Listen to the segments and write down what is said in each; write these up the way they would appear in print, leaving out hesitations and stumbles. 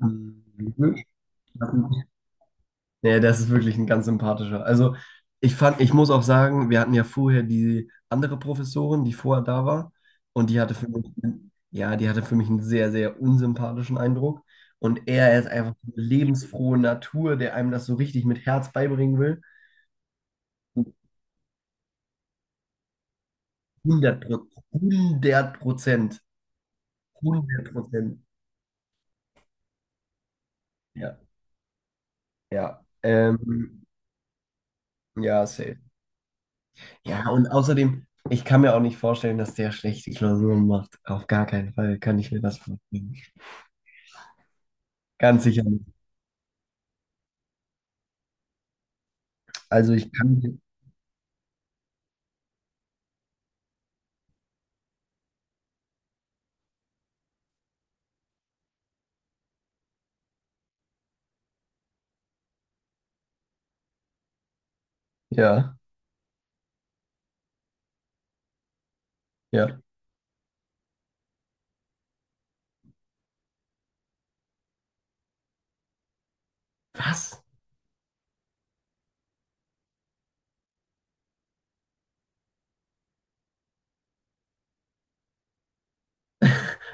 Mhm. Nee, das ist wirklich ein ganz sympathischer. Also ich muss auch sagen, wir hatten ja vorher die andere Professorin, die vorher da war, und die hatte für mich einen sehr, sehr unsympathischen Eindruck. Und er ist einfach so eine lebensfrohe Natur, der einem das so richtig mit Herz beibringen will. 100%, 100%, 100%. Ja. Ja, ja, safe. Ja, und außerdem, ich kann mir auch nicht vorstellen, dass der schlechte Klausuren macht. Auf gar keinen Fall kann ich mir das vorstellen. Ganz sicher nicht. Also ich kann, ja, ja. Was?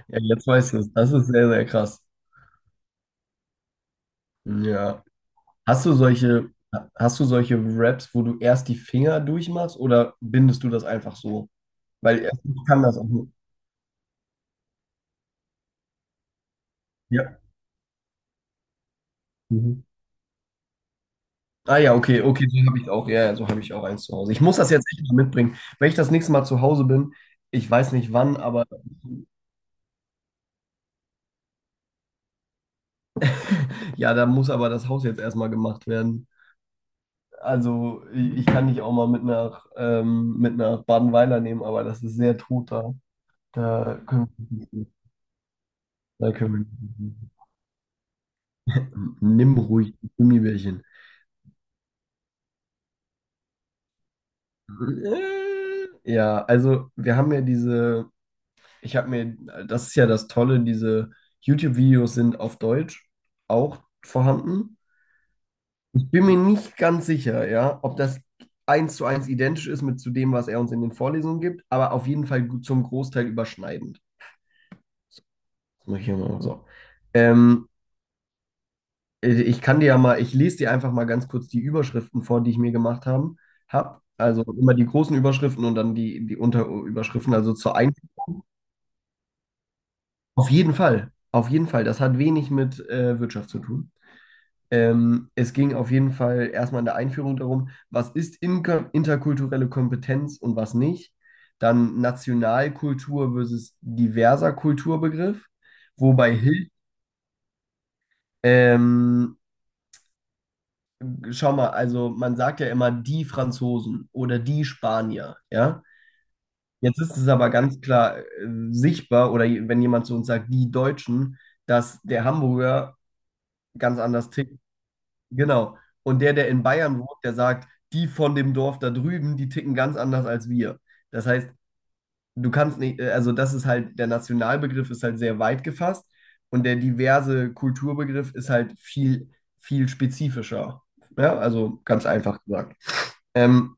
Ja, jetzt weißt du es. Das ist sehr, sehr krass. Ja. Hast du solche, hast du solche Raps, wo du erst die Finger durchmachst oder bindest du das einfach so? Weil ich kann das auch nicht. Ja. Mhm. Ah ja, okay, okay, so habe ich auch eins zu Hause. Ich muss das jetzt echt mal mitbringen. Wenn ich das nächste Mal zu Hause bin, ich weiß nicht wann, aber ja, da muss aber das Haus jetzt erstmal gemacht werden. Also ich kann dich auch mal ähm, mit nach Badenweiler nehmen, aber das ist sehr tot da. Da können wir nicht hin. Da können wir nicht hin. Nimm ruhig die Gummibärchen. Ja, also wir haben ja diese Ich habe mir, das ist ja das Tolle, diese YouTube-Videos sind auf Deutsch auch vorhanden. Ich bin mir nicht ganz sicher, ja, ob das eins zu eins identisch ist mit zu dem, was er uns in den Vorlesungen gibt, aber auf jeden Fall zum Großteil überschneidend. So, das mach ich hier mal so. Ähm, Ich lese dir einfach mal ganz kurz die Überschriften vor, die ich mir gemacht hab. Also immer die großen Überschriften und dann die Unterüberschriften, also zur Einführung. Auf jeden Fall, auf jeden Fall. Das hat wenig mit Wirtschaft zu tun. Es ging auf jeden Fall erstmal in der Einführung darum, was ist interkulturelle Kompetenz und was nicht. Dann Nationalkultur versus diverser Kulturbegriff. Wobei hilft, ähm, schau mal, also man sagt ja immer die Franzosen oder die Spanier, ja. Jetzt ist es aber ganz klar sichtbar, oder wenn jemand zu uns sagt, die Deutschen, dass der Hamburger ganz anders tickt. Genau. Und der, der in Bayern wohnt, der sagt, die von dem Dorf da drüben, die ticken ganz anders als wir. Das heißt, du kannst nicht, also das ist halt, der Nationalbegriff ist halt sehr weit gefasst und der diverse Kulturbegriff ist halt viel, viel spezifischer. Ja, also ganz einfach gesagt. Ähm,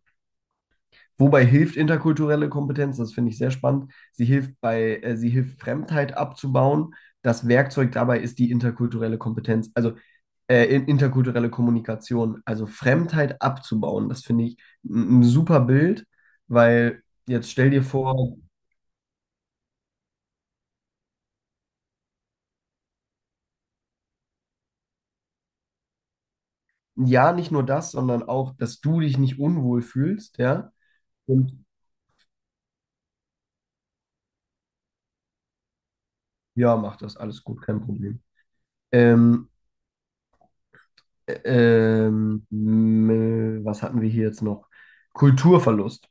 Wobei hilft interkulturelle Kompetenz, das finde ich sehr spannend. Sie hilft Fremdheit abzubauen. Das Werkzeug dabei ist die interkulturelle Kompetenz. Also interkulturelle Kommunikation, also Fremdheit abzubauen. Das finde ich ein super Bild, weil jetzt stell dir vor, ja, nicht nur das, sondern auch, dass du dich nicht unwohl fühlst, ja. Und ja, mach das, alles gut, kein Problem. Ähm, äh, Was hatten wir hier jetzt noch? Kulturverlust.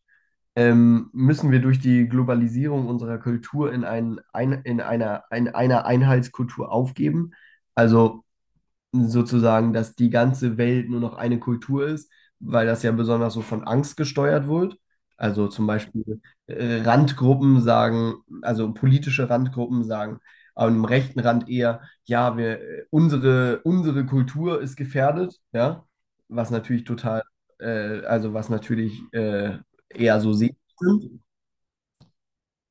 Müssen wir durch die Globalisierung unserer Kultur in einer Einheitskultur aufgeben? Also sozusagen, dass die ganze Welt nur noch eine Kultur ist, weil das ja besonders so von Angst gesteuert wird. Also zum Beispiel Randgruppen sagen, also politische Randgruppen sagen, am rechten Rand eher, ja, unsere Kultur ist gefährdet, ja, was natürlich total, also was natürlich eher so sehen.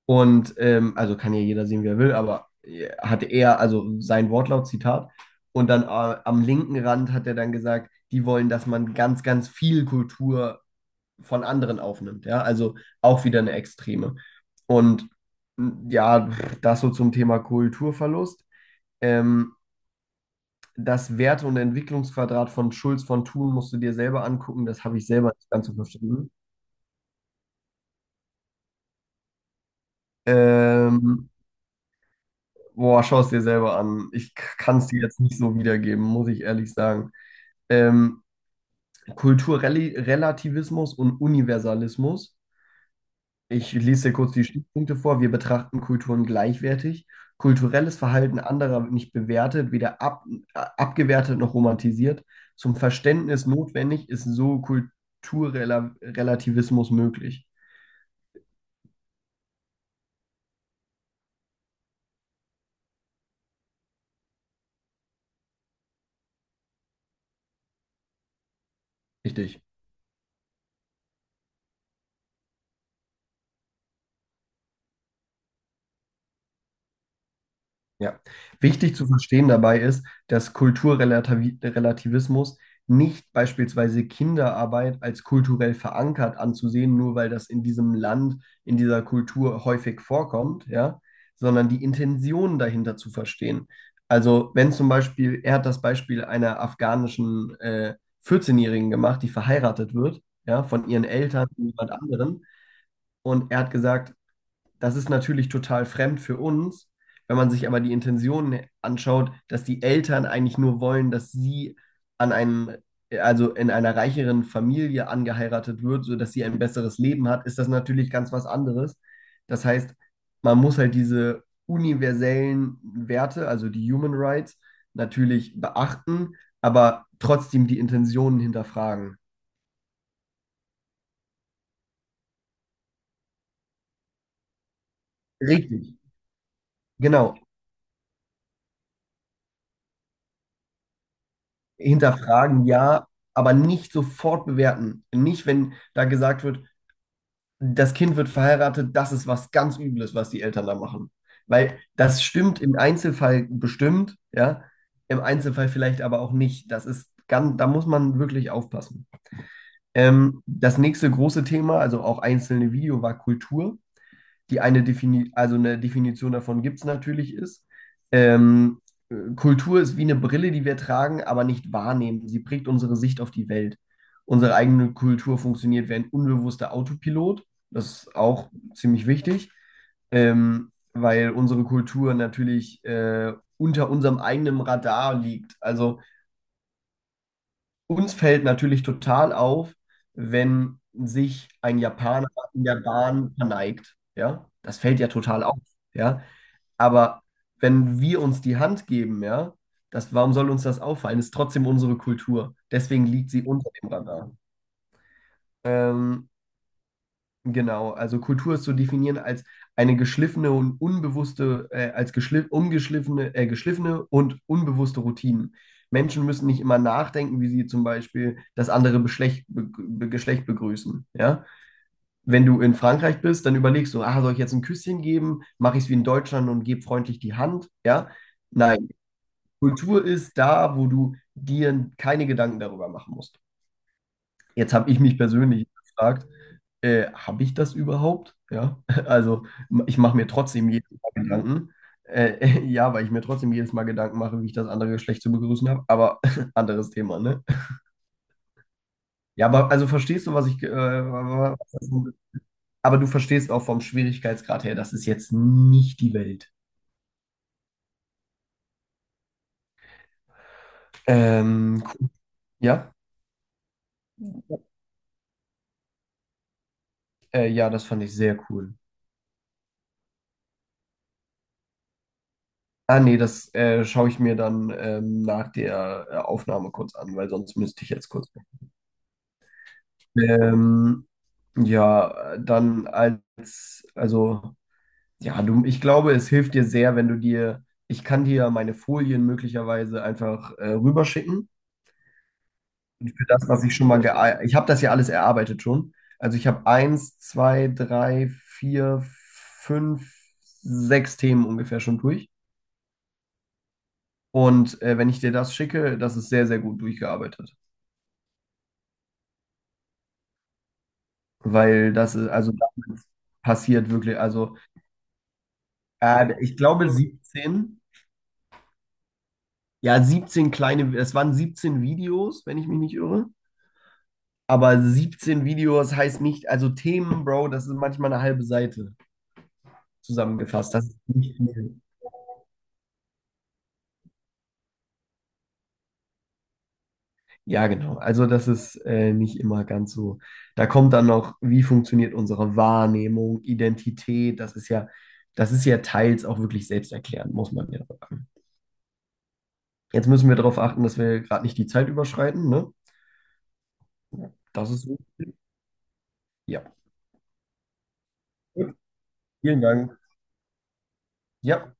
Und also kann ja jeder sehen, wie er will, aber hatte er, also sein Wortlaut, Zitat. Und dann am linken Rand hat er dann gesagt, die wollen, dass man ganz, ganz viel Kultur von anderen aufnimmt. Ja, also auch wieder eine Extreme. Und ja, das so zum Thema Kulturverlust. Ähm, Das Werte- und Entwicklungsquadrat von Schulz von Thun musst du dir selber angucken. Das habe ich selber nicht ganz so verstanden. Ähm, Boah, schau es dir selber an. Ich kann es dir jetzt nicht so wiedergeben, muss ich ehrlich sagen. Ähm, Kulturrelativismus und Universalismus. Ich lese dir kurz die Stichpunkte vor. Wir betrachten Kulturen gleichwertig. Kulturelles Verhalten anderer wird nicht bewertet, weder abgewertet noch romantisiert. Zum Verständnis notwendig ist so Kulturrelativismus möglich. Richtig. Ja. Wichtig zu verstehen dabei ist, dass Kulturrelativismus nicht beispielsweise Kinderarbeit als kulturell verankert anzusehen, nur weil das in diesem Land, in dieser Kultur häufig vorkommt, ja, sondern die Intention dahinter zu verstehen. Also wenn zum Beispiel, er hat das Beispiel einer afghanischen 14-Jährigen gemacht, die verheiratet wird, ja, von ihren Eltern, zu jemand anderen, und er hat gesagt, das ist natürlich total fremd für uns. Wenn man sich aber die Intentionen anschaut, dass die Eltern eigentlich nur wollen, dass sie an einem, also in einer reicheren Familie angeheiratet wird, sodass sie ein besseres Leben hat, ist das natürlich ganz was anderes. Das heißt, man muss halt diese universellen Werte, also die Human Rights, natürlich beachten, aber trotzdem die Intentionen hinterfragen. Richtig. Genau, Hinterfragen ja, aber nicht sofort bewerten. Nicht, wenn da gesagt wird, das Kind wird verheiratet, das ist was ganz Übles, was die Eltern da machen. Weil das stimmt im Einzelfall bestimmt, ja, im Einzelfall vielleicht aber auch nicht. Da muss man wirklich aufpassen. Das nächste große Thema, also auch einzelne Video, war Kultur die eine Defini also eine Definition davon gibt es natürlich ist. Ähm, Kultur ist wie eine Brille, die wir tragen, aber nicht wahrnehmen. Sie prägt unsere Sicht auf die Welt. Unsere eigene Kultur funktioniert wie ein unbewusster Autopilot. Das ist auch ziemlich wichtig, weil unsere Kultur natürlich unter unserem eigenen Radar liegt. Also uns fällt natürlich total auf, wenn sich ein Japaner in der Bahn verneigt. Ja, das fällt ja total auf. Ja, aber wenn wir uns die Hand geben, ja, das, warum soll uns das auffallen? Ist trotzdem unsere Kultur. Deswegen liegt sie unter dem Radar. Ähm, Genau, also Kultur ist zu definieren als eine geschliffene und unbewusste Routinen. Menschen müssen nicht immer nachdenken, wie sie zum Beispiel das andere Geschlecht begrüßen. Ja? Wenn du in Frankreich bist, dann überlegst du, ah, soll ich jetzt ein Küsschen geben? Mache ich es wie in Deutschland und gebe freundlich die Hand? Ja? Nein, Kultur ist da, wo du dir keine Gedanken darüber machen musst. Jetzt habe ich mich persönlich gefragt, habe ich das überhaupt? Ja, also ich mache mir trotzdem jedes Mal Gedanken. Ja, weil ich mir trotzdem jedes Mal Gedanken mache, wie ich das andere Geschlecht zu begrüßen habe, aber anderes Thema, ne? Ja, aber also verstehst du, was ich. Aber du verstehst auch vom Schwierigkeitsgrad her, das ist jetzt nicht die Welt. Cool. Ja, ja, das fand ich sehr cool. Ah, nee, das schaue ich mir dann nach der Aufnahme kurz an, weil sonst müsste ich jetzt kurz. Ähm, ja, Also, ja, du, ich glaube, es hilft dir sehr, wenn du dir, ich kann dir ja meine Folien möglicherweise einfach rüberschicken. Und für das, was ich schon mal, gea- ich habe das ja alles erarbeitet schon. Also ich habe eins, zwei, drei, vier, fünf, sechs Themen ungefähr schon durch. Und wenn ich dir das schicke, das ist sehr, sehr gut durchgearbeitet. Weil das ist, also damit passiert wirklich, also ich glaube 17. Ja, 17 kleine, es waren 17 Videos, wenn ich mich nicht irre. Aber 17 Videos heißt nicht, also Themen, Bro, das ist manchmal eine halbe Seite zusammengefasst. Das ist nicht viel. Ja, genau. Also das ist nicht immer ganz so. Da kommt dann noch, wie funktioniert unsere Wahrnehmung, Identität. Das ist ja teils auch wirklich selbsterklärend, muss man ja sagen. Jetzt müssen wir darauf achten, dass wir gerade nicht die Zeit überschreiten, ne? Das ist so. Ja. Gut, vielen Dank. Ja.